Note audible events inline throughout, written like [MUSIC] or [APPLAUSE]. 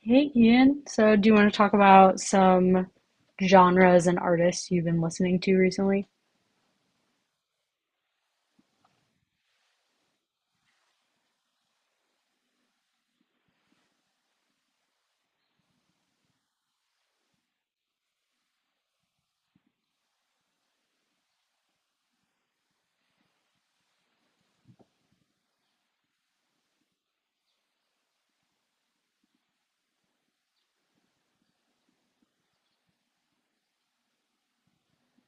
Hey Ian, so do you want to talk about some genres and artists you've been listening to recently?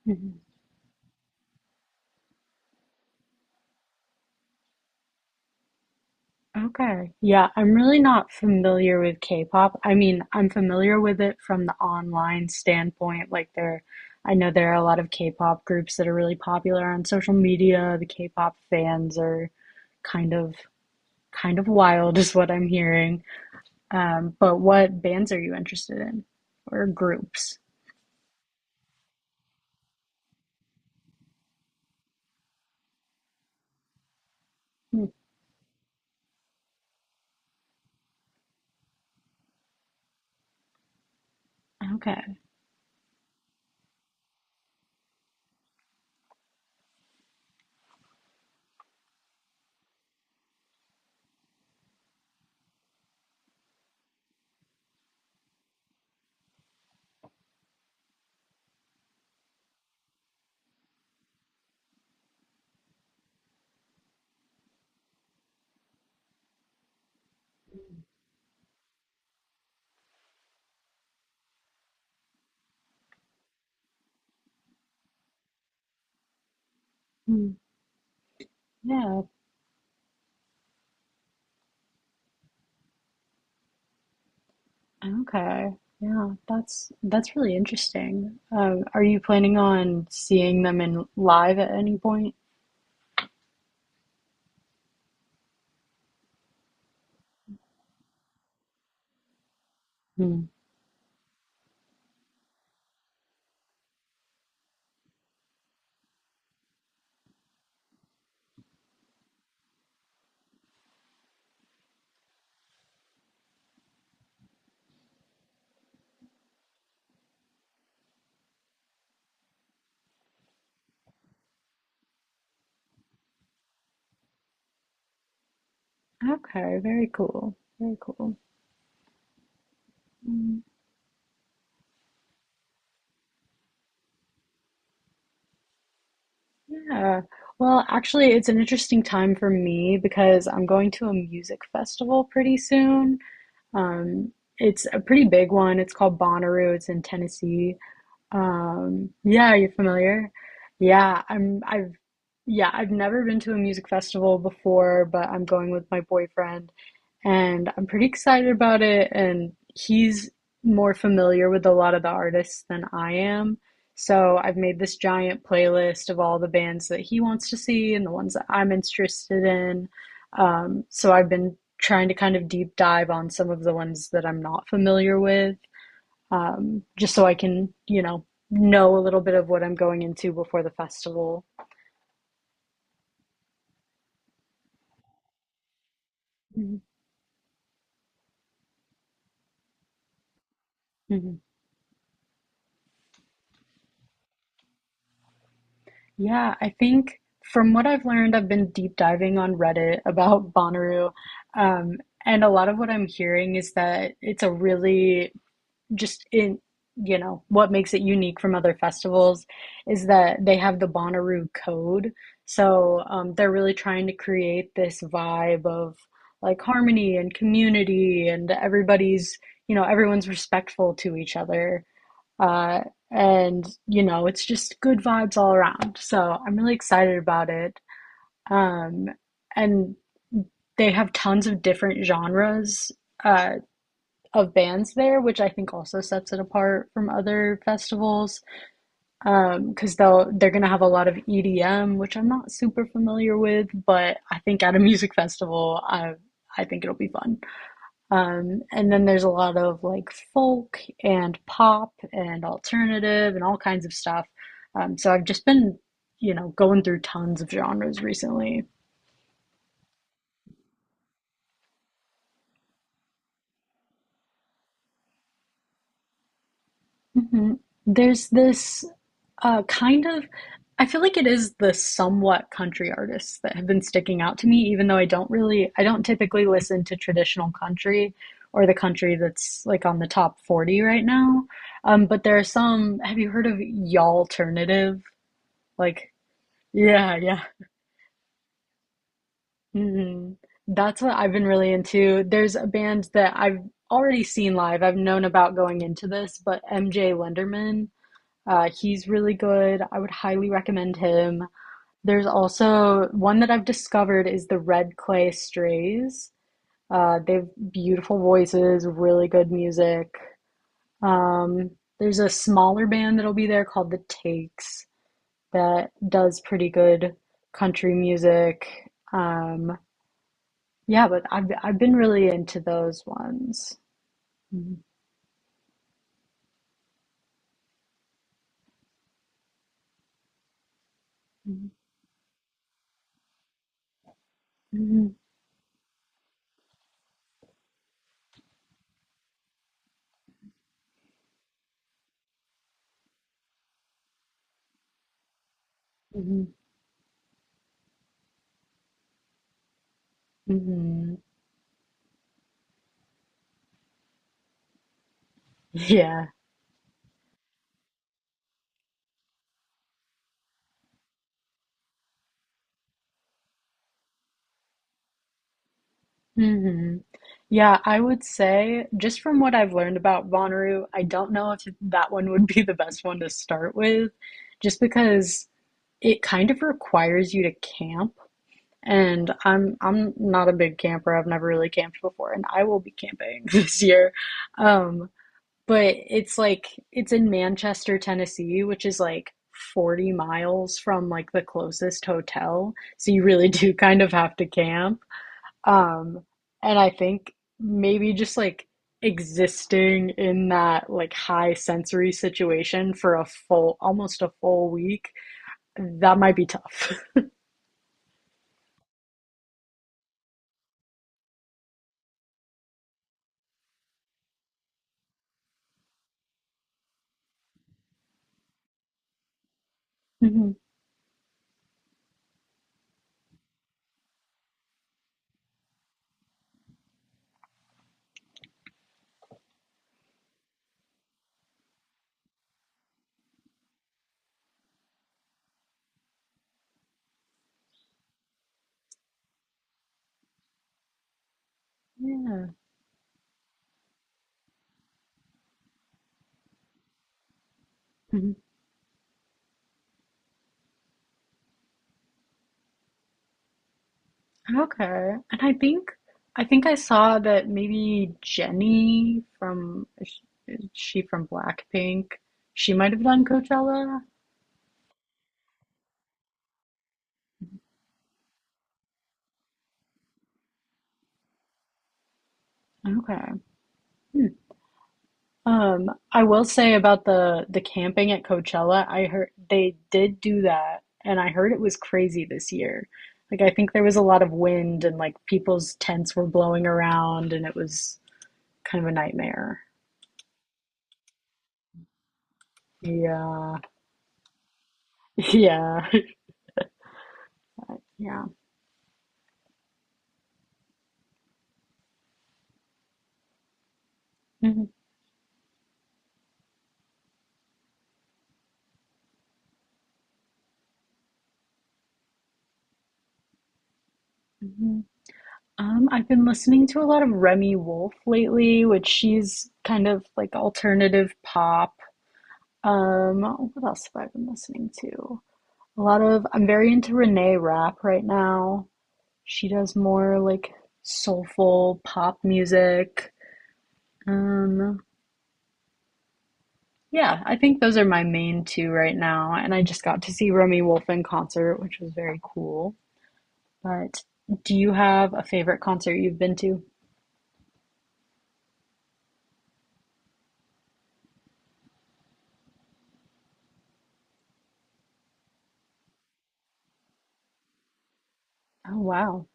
Mhm. Okay. Yeah, I'm really not familiar with K-pop. I mean, I'm familiar with it from the online standpoint. Like there, I know there are a lot of K-pop groups that are really popular on social media. The K-pop fans are kind of kind of wild [LAUGHS] is what I'm hearing. But what bands are you interested in or groups? Hmm. Okay. Hmm. Yeah. Okay. Yeah, that's really interesting. Are you planning on seeing them in live at any point? Hmm. Okay, very cool. Very cool. Mm, yeah. Actually, it's an interesting time for me because I'm going to a music festival pretty soon. Um, it's a pretty big one. It's called Bonnaroo. It's in Tennessee. Yeah, you familiar? Yeah, I'm I've yeah, I've never been to a music festival before, but I'm going with my boyfriend, and I'm pretty excited about it, and he's more familiar with a lot of the artists than I am. So I've made this giant playlist of all the bands that he wants to see and the ones that I'm interested in. So I've been trying to kind of deep dive on some of the ones that I'm not familiar with just so I can, know a little bit of what I'm going into before the festival. Mhm. Mhm. Yeah, I think from what I've learned, I've been deep diving on Reddit [LAUGHS] about Bonnaroo, um, and a lot of what I'm hearing is that it's a really just in you know what makes it unique from other festivals is that they have the Bonnaroo code. So they're really trying to create this vibe of like harmony and community, and everybody's you know everyone's respectful to each other, uh, and you know it's just good vibes all around. So I'm really excited about it, um, and they have tons of different genres. Uh, of bands there, which I think also sets it apart from other festivals, because cause they'll, they're gonna have a lot of EDM, which I'm not super familiar with, but I think at a [LAUGHS] music festival, I think it'll be fun. And then there's a lot of like folk and pop and alternative and all kinds of stuff. So I've just been, you know, going through tons of genres recently. Mhm. There's this uh, kind of, I feel like it is the somewhat country artists that have been sticking out to me, even though I don't typically listen to traditional country or the country that's like on the top 40 right now. But there are some, have you heard of y'alternative? Like, yeah, yeah. Hmm. That's what I've been really into. There's a band that I've already seen live. I've known about going into this, but MJ Lenderman. He's really good. I would highly recommend him. There's also one that I've discovered is the Red Clay Strays. They have beautiful voices, really good music. Um, there's a smaller band that'll be there called The Takes that does pretty good country music. Um, yeah, but I've been really into those ones. Mhm. Mhm. Mhm. Mhm. Yeah. Mm-hmm. Yeah, I would say just from what I've learned about Bonnaroo, I don't know if that one would [LAUGHS] be the best one to start with, just because it kind of requires you to camp. And I'm not a big camper. I've never really camped before, and I will be camping [LAUGHS] this year. Um, but it's like it's in Manchester, Tennessee, which is like 40 miles from like the closest hotel. So you really [LAUGHS] do kind of have to camp. Um, and I think maybe just like existing in that like high sensory situation for a full, almost a full week, that might be tough. [LAUGHS] Hmm. Yeah. Mhm. Okay. And I think I saw that maybe Jenny from is she from Blackpink, she might have done Coachella. Okay. I will say about the camping at Coachella, I heard they did do that, and I heard it was crazy this year. Like I think there was a lot of wind and like people's tents were blowing around and it was kind of a nightmare. Yeah. [LAUGHS] Yeah. [LAUGHS] Yeah. Mhm. Mhm. I've been listening to a lot of Remy Wolf lately, which she's kind of like alternative pop. Um, what else have I been listening to? A lot of I'm very into Renee Rapp right now. She does more like soulful pop music. Um, yeah, I think those are my main two right now. And I just got to see Romy Wolf in concert, which was very cool. But do you have a favorite concert you've been to? Oh, wow.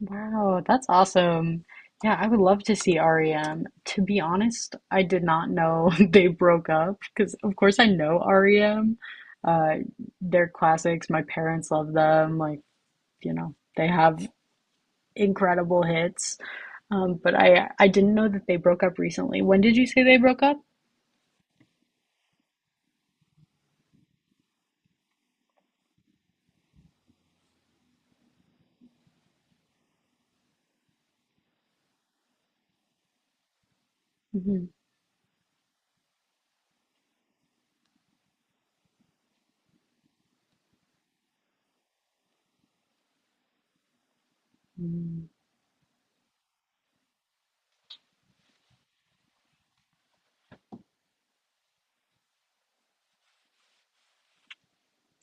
Wow, that's awesome. Yeah, I would love to see REM. To be honest, I did not know [LAUGHS] they broke up because, of course, I know REM. Uh, they're classics. My parents love them. Like, you know, they have incredible hits. But I didn't know that they broke up recently. When did you say they broke up? Hmm.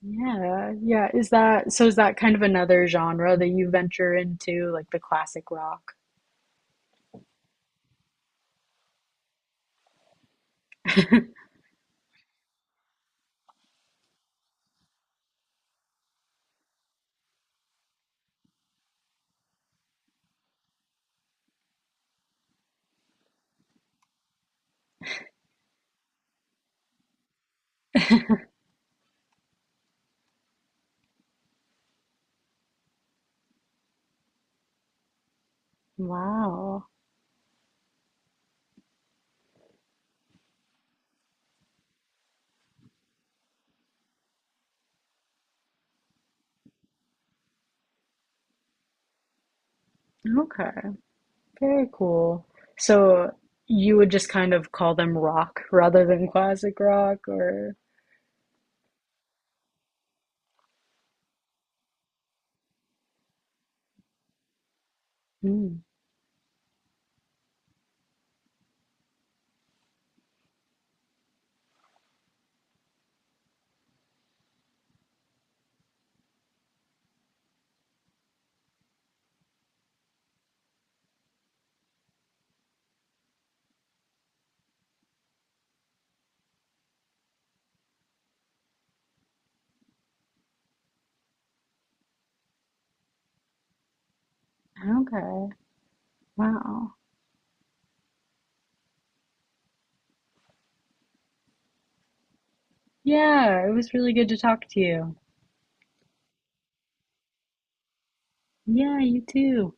Yeah, yeah. Is that so? Is that kind of another genre that you venture into, like the classic rock? Wow. Okay. Very cool. So you would just kind of call them rock rather than classic rock or Mm, okay. Wow. Yeah, it was really good to talk to you. Yeah, you too.